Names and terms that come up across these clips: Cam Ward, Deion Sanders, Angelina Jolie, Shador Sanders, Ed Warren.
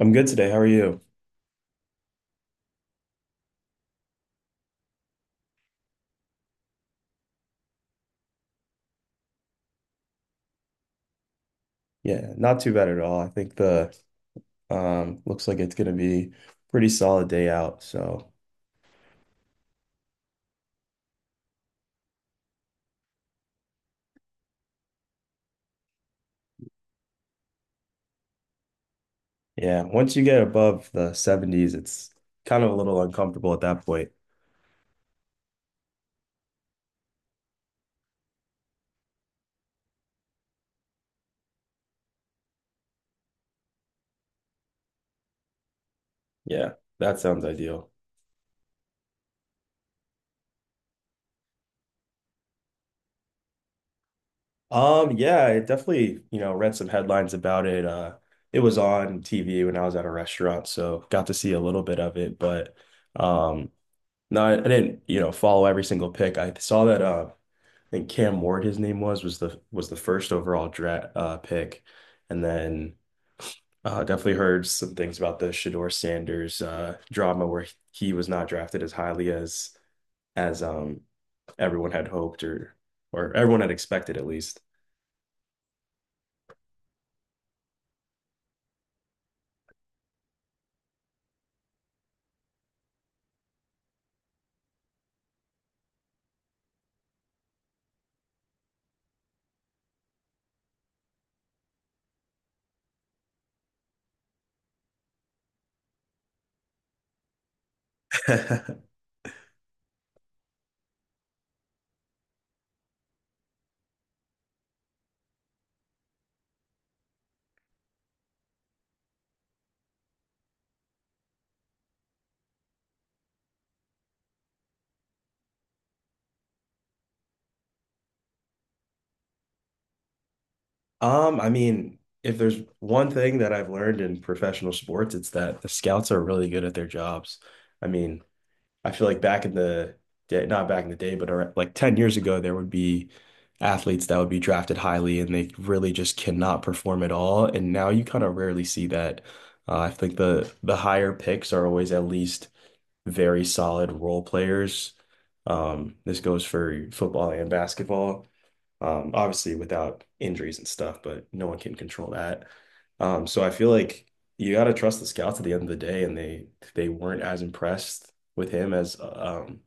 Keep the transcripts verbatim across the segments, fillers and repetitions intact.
I'm good today. How are you? Yeah, not too bad at all. I think the um looks like it's gonna be pretty solid day out. So yeah, once you get above the seventies, it's kind of a little uncomfortable at that point. Yeah, that sounds ideal. Um, yeah, I definitely, you know, read some headlines about it. Uh it was on T V when I was at a restaurant, so got to see a little bit of it, but um no, I I didn't, you know, follow every single pick. I saw that uh I think Cam Ward, his name was, was the was the first overall draft uh, pick, and then uh, definitely heard some things about the Shador Sanders uh, drama where he was not drafted as highly as as um everyone had hoped or or everyone had expected at least. Um, I mean, if there's one thing that I've learned in professional sports, it's that the scouts are really good at their jobs. I mean, I feel like back in the day, not back in the day, but ar- like ten years ago, there would be athletes that would be drafted highly and they really just cannot perform at all. And now you kind of rarely see that. Uh, I think the the higher picks are always at least very solid role players. Um, this goes for football and basketball. Um, obviously without injuries and stuff, but no one can control that. Um, so I feel like you got to trust the scouts at the end of the day, and they they weren't as impressed with him as um,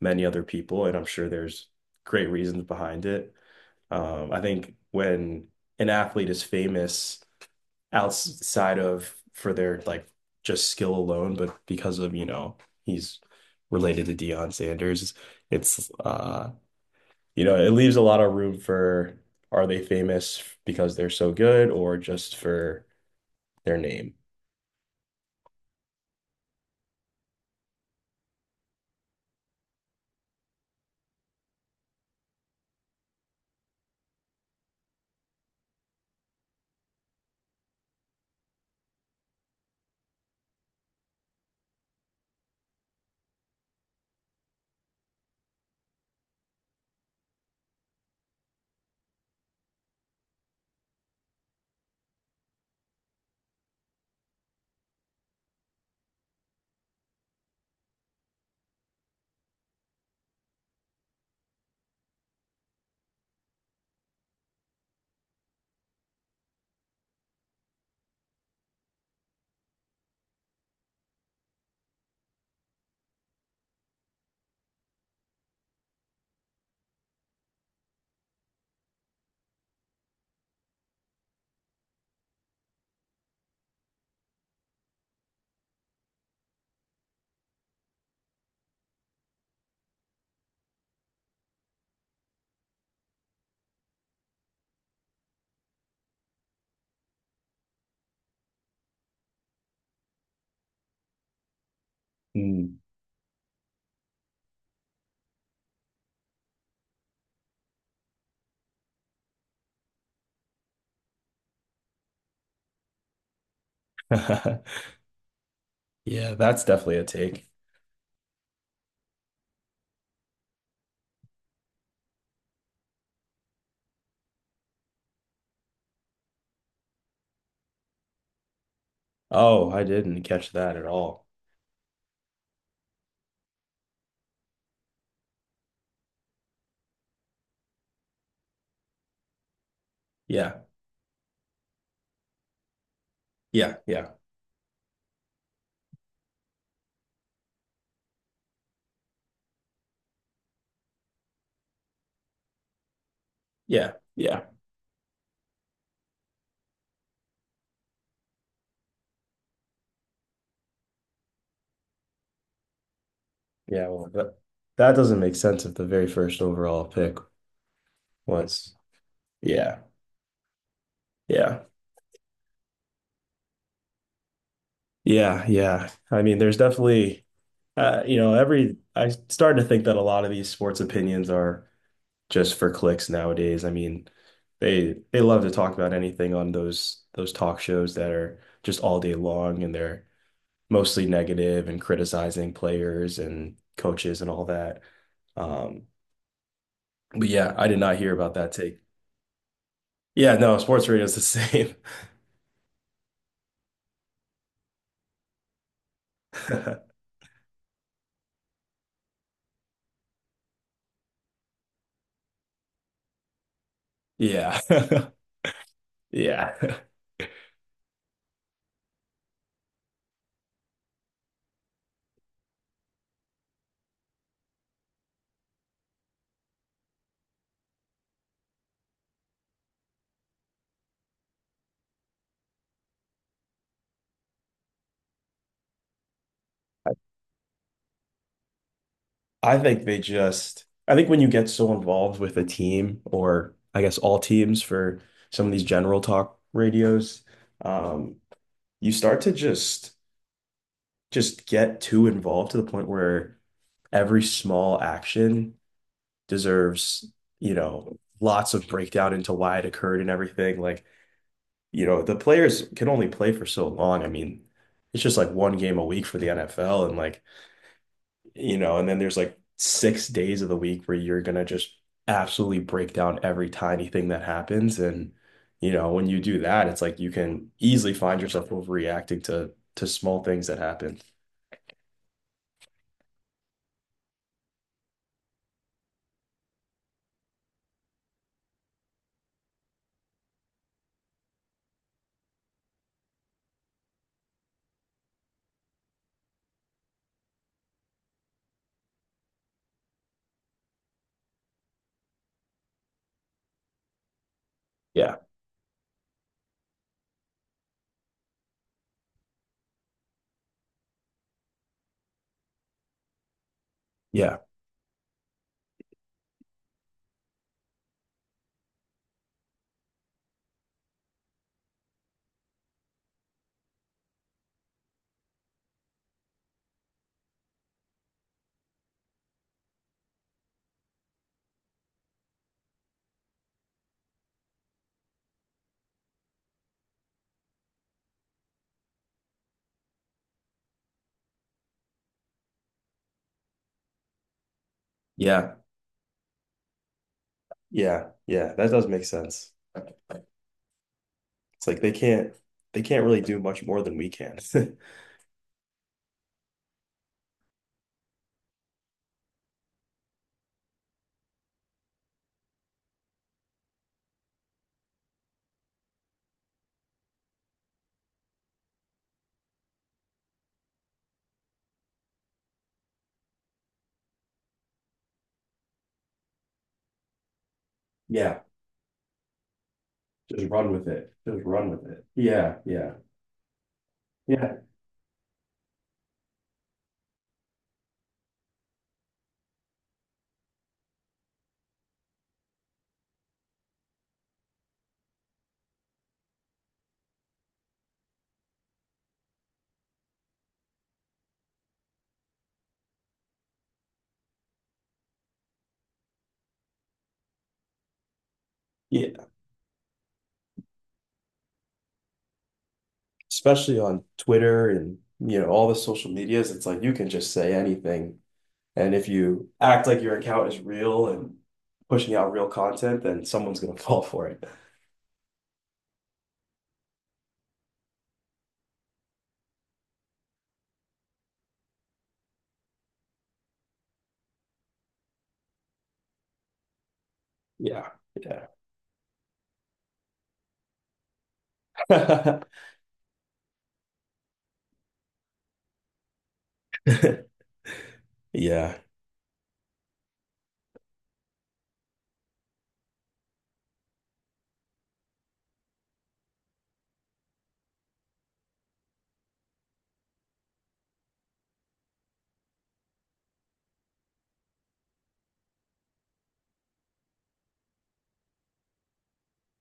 many other people, and I'm sure there's great reasons behind it. Um, I think when an athlete is famous outside of for their like just skill alone, but because of, you know, he's related to Deion Sanders, it's uh you know, it leaves a lot of room for are they famous because they're so good or just for their name? Mm. Yeah, that's definitely a take. Oh, I didn't catch that at all. Yeah, yeah, yeah, yeah, yeah, yeah. Well, that that doesn't make sense if the very first overall pick was. Yeah, yeah, yeah, yeah. I mean, there's definitely, uh, you know, every I started to think that a lot of these sports opinions are just for clicks nowadays. I mean, they they love to talk about anything on those those talk shows that are just all day long and they're mostly negative and criticizing players and coaches and all that. Um, but yeah, I did not hear about that take. Yeah, no, sports radio is the same. Yeah. Yeah. I think they just, I think when you get so involved with a team, or I guess all teams for some of these general talk radios, um, you start to just just get too involved to the point where every small action deserves, you know, lots of breakdown into why it occurred and everything. Like, you know, the players can only play for so long. I mean, it's just like one game a week for the N F L and like, you know, and then there's like six days of the week where you're gonna just absolutely break down every tiny thing that happens. And, you know, when you do that, it's like you can easily find yourself overreacting to to small things that happen. Yeah. Yeah, yeah, yeah, yeah. That does make sense. It's like they can't they can't really do much more than we can. Yeah, just run with it. Just run with it. Yeah, yeah, yeah, yeah. Especially on Twitter and you know all the social medias, it's like you can just say anything, and if you act like your account is real and pushing out real content, then someone's gonna fall for it. Yeah, yeah, yeah,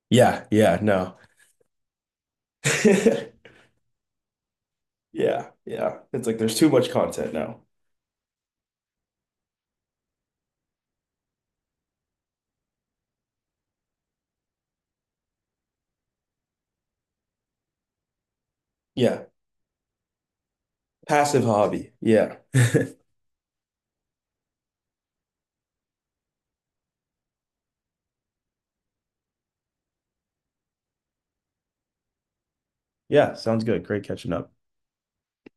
yeah. No. Yeah, yeah. It's like there's too much content now. Yeah. Passive hobby. Yeah. Yeah, sounds good. Great catching up.